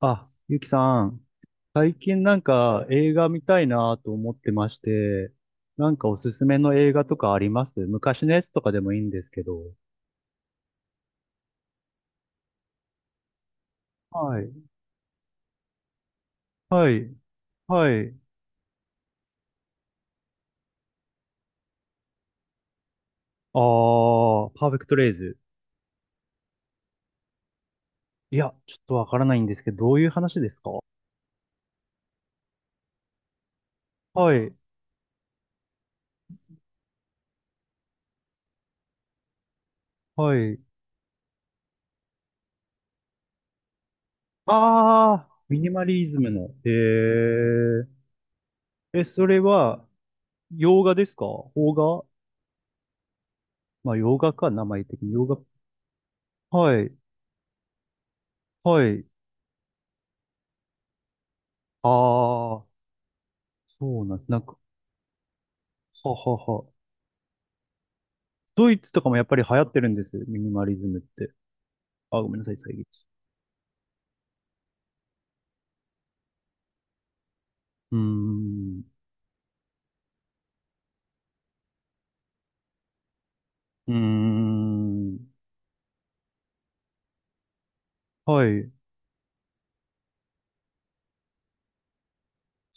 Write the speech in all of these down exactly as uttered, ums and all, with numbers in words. あ、ゆきさん、最近なんか映画見たいなと思ってまして、なんかおすすめの映画とかあります？昔のやつとかでもいいんですけど。はい。はい。はい。あー、パーフェクトレイズ。いや、ちょっとわからないんですけど、どういう話ですか？はい。はい。あー、ミニマリズムの。へー。え、それは、洋画ですか？邦画？まあ、洋画か、名前的に。洋画。はい。はい。あー。そうなんです。なんか、ははは。ドイツとかもやっぱり流行ってるんですよ。ミニマリズムって。あ、ごめんなさい、遮一。うーん。うーん。はい。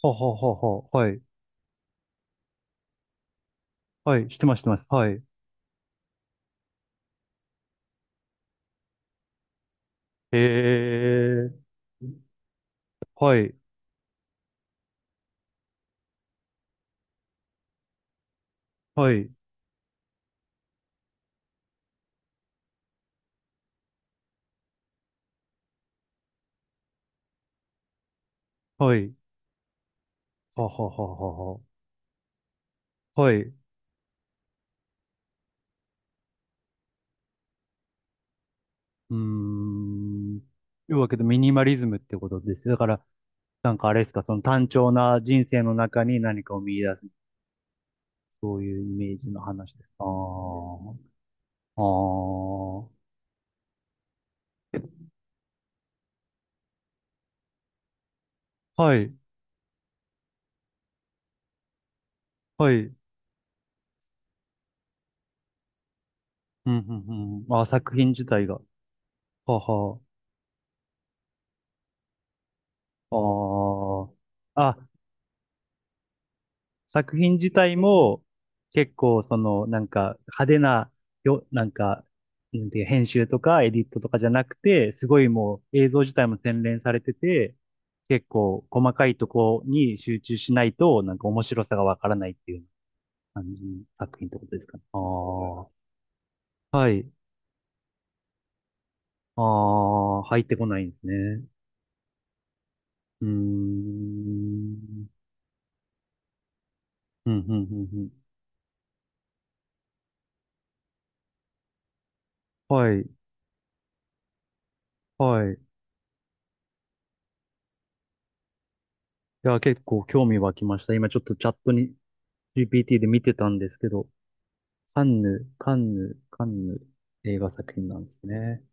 はははは。はい。はい。してます、してます。はい。へえ。はい。はい。はい。ははははは。はい。うーん。というわけでミニマリズムってことですよ。だから、なんかあれですか、その単調な人生の中に何かを見出す。そういうイメージの話です。ああ。ああ、はい、はい。うん、うん、うん。あ、作品自体が。はは。ああ。あ、作品自体も、結構、その、なんか、派手な、よ、なんか、なんていう、編集とか、エディットとかじゃなくて、すごいもう、映像自体も洗練されてて、結構、細かいとこに集中しないと、なんか面白さがわからないっていう感じの作品ってことですかね。ああ。はい。ああ、入ってこないんですね。うーん。うん、うん、うん、うん。はい、はい。いや、結構興味湧きました。今ちょっとチャットに ジーピーティー で見てたんですけど、カンヌ、カンヌ、カンヌ映画作品なんですね。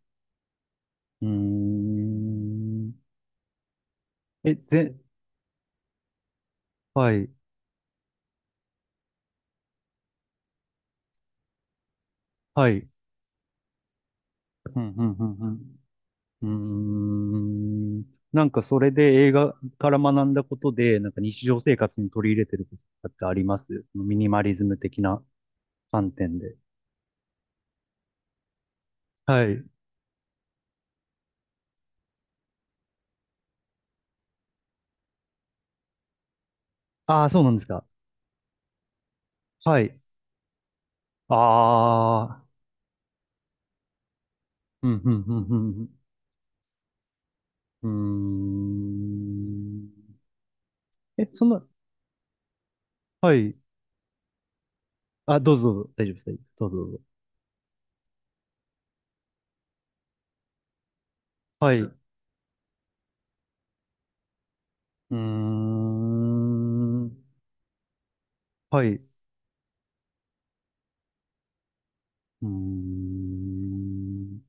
うーん。え、ぜ、はい、はい。うん、うん、うん、うん。うーん。なんかそれで映画から学んだことで、なんか日常生活に取り入れてることってあります？ミニマリズム的な観点で。はい。ああ、そうなんですか。はい。ああ、うん、うん、うん、うん。うーん。え、そんな、はい。あ、どうぞ、どうぞ。大丈夫です。大丈夫です、どうぞ、どうぞ。はい。うーん。はい。うーん。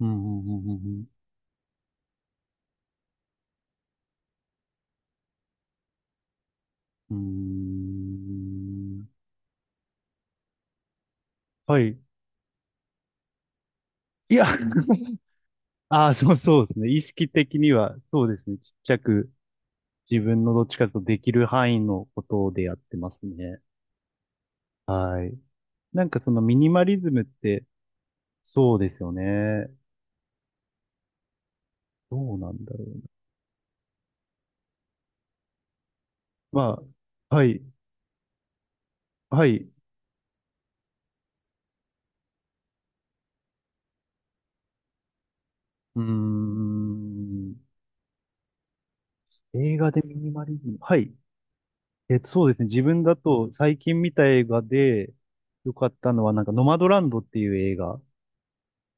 うん、うん、うん、うん。うん。うーん。はい。いや、ああ、そう、そうですね。意識的には、そうですね。ちっちゃく、自分のどっちかとできる範囲のことでやってますね。はい。なんかそのミニマリズムって、そうですよね。どうなんだろう。まあ、はい、はい。うーん。映画でミニマリズム。はい。えっと、そうですね。自分だと最近見た映画で良かったのは、なんかノマドランドっていう映画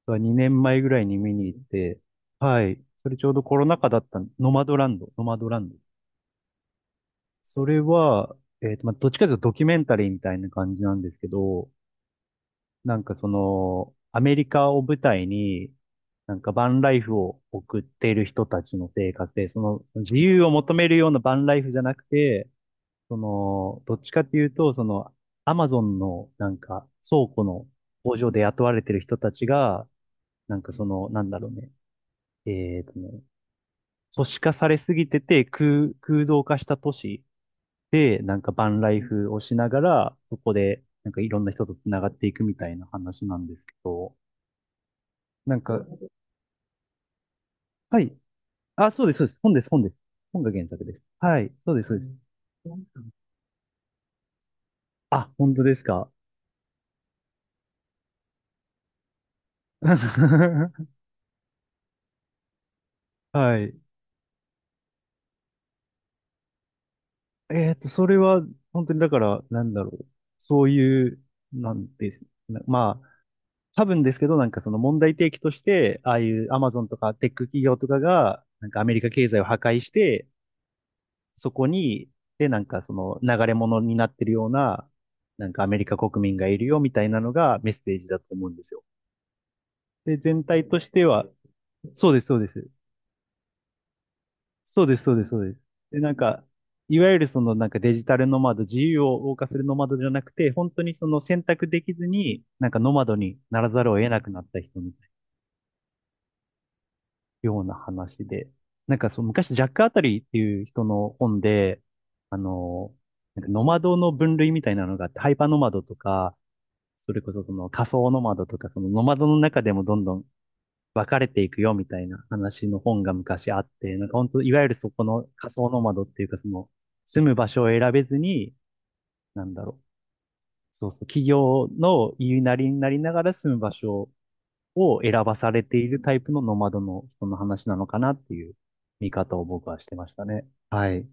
がにねんまえぐらいに見に行って、はい。それちょうどコロナ禍だったん、ノマドランド、ノマドランド。それは、えっと、まあ、どっちかというとドキュメンタリーみたいな感じなんですけど、なんかその、アメリカを舞台に、なんかバンライフを送っている人たちの生活で、その自由を求めるようなバンライフじゃなくて、その、どっちかっていうと、その、アマゾンのなんか倉庫の工場で雇われてる人たちが、なんかその、なんだろうね、えーとね、都市化されすぎてて空、空洞化した都市で、なんかバンライフをしながら、そこで、なんかいろんな人と繋がっていくみたいな話なんですけど、なんか、はい。あ、そうです、そうです。本です、本です。本が原作です。はい。そうです、そうです。あ、本当ですか。はい。えっと、それは、本当にだから、なんだろう。そういう、なんです。な、まあ、多分ですけど、なんかその問題提起として、ああいうアマゾンとかテック企業とかが、なんかアメリカ経済を破壊して、そこに、で、なんかその流れ物になってるような、なんかアメリカ国民がいるよみたいなのがメッセージだと思うんですよ。で、全体としては、そうです、そうです。そうです、そうです、そうです。で、なんか、いわゆるそのなんかデジタルノマド、自由を謳歌するノマドじゃなくて、本当にその選択できずに、なんかノマドにならざるを得なくなった人みたいなような話で、なんかその昔ジャック・アタリーっていう人の本で、あの、なんかノマドの分類みたいなのがあって、ハイパーノマドとか、それこそその仮想ノマドとか、そのノマドの中でもどんどん別れていくよみたいな話の本が昔あって、なんか本当、いわゆるそこの仮想ノマドっていうか、その、住む場所を選べずに、なんだろう。そうそう、企業の言いなりになりながら住む場所を選ばされているタイプのノマドの人の話なのかなっていう見方を僕はしてましたね。はい。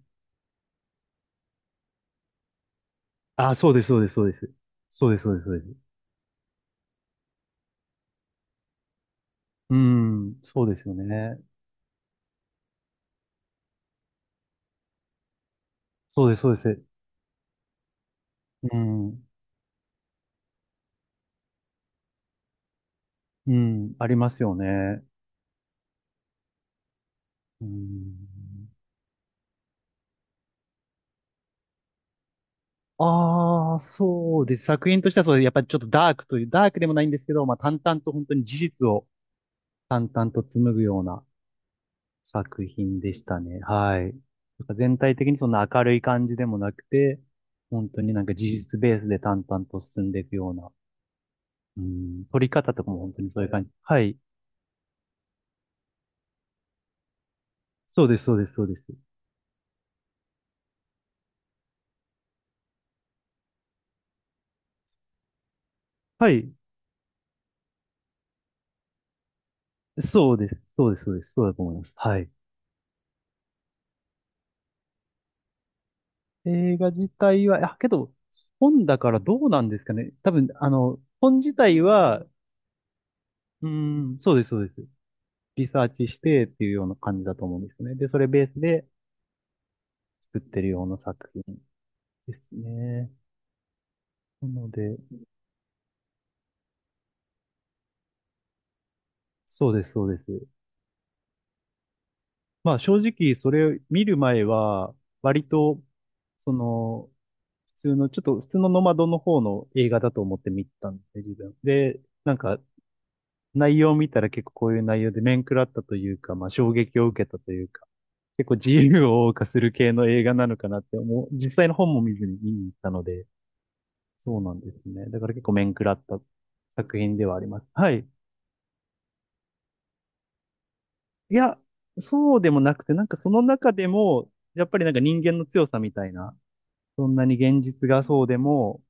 あ、そうです、そうです、そうです。そうです、そうです、そうです。うん、そうですよね。そうです、そうです。うん、うん、ありますよね。うん。ああ、そうです。作品としてはそう、やっぱりちょっとダークという、ダークでもないんですけど、まあ淡々と本当に事実を淡々と紡ぐような作品でしたね。はい。なんか全体的にそんな明るい感じでもなくて、本当になんか事実ベースで淡々と進んでいくような、うん、撮り方とかも本当にそういう感じ。はい。そうです、そうです、そうです。はい。そうです、そうです、そうです。そうだと思います。はい。映画自体は、あ、けど、本だからどうなんですかね。多分、あの、本自体は、うん、そうです、そうです。リサーチしてっていうような感じだと思うんですね。で、それベースで作ってるような作品ですね。なので、そうです、そうです。まあ正直それを見る前は、割と、その、普通の、ちょっと普通のノマドの方の映画だと思って見てたんですね、自分。で、なんか内容を見たら結構こういう内容で面食らったというか、まあ衝撃を受けたというか、結構自由を謳歌する系の映画なのかなって思う、実際の本も見ずに見に行ったので、そうなんですね。だから結構面食らった作品ではあります。はい。いや、そうでもなくて、なんかその中でも、やっぱりなんか人間の強さみたいな、そんなに現実がそうでも、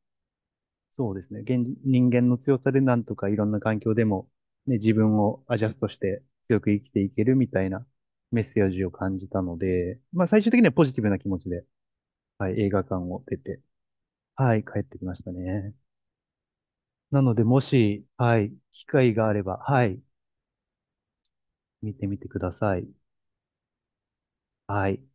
そうですね。現、人間の強さでなんとかいろんな環境でも、ね、自分をアジャストして強く生きていけるみたいなメッセージを感じたので、まあ最終的にはポジティブな気持ちで、はい、映画館を出て、はい、帰ってきましたね。なので、もし、はい、機会があれば、はい、見てみてください。はい。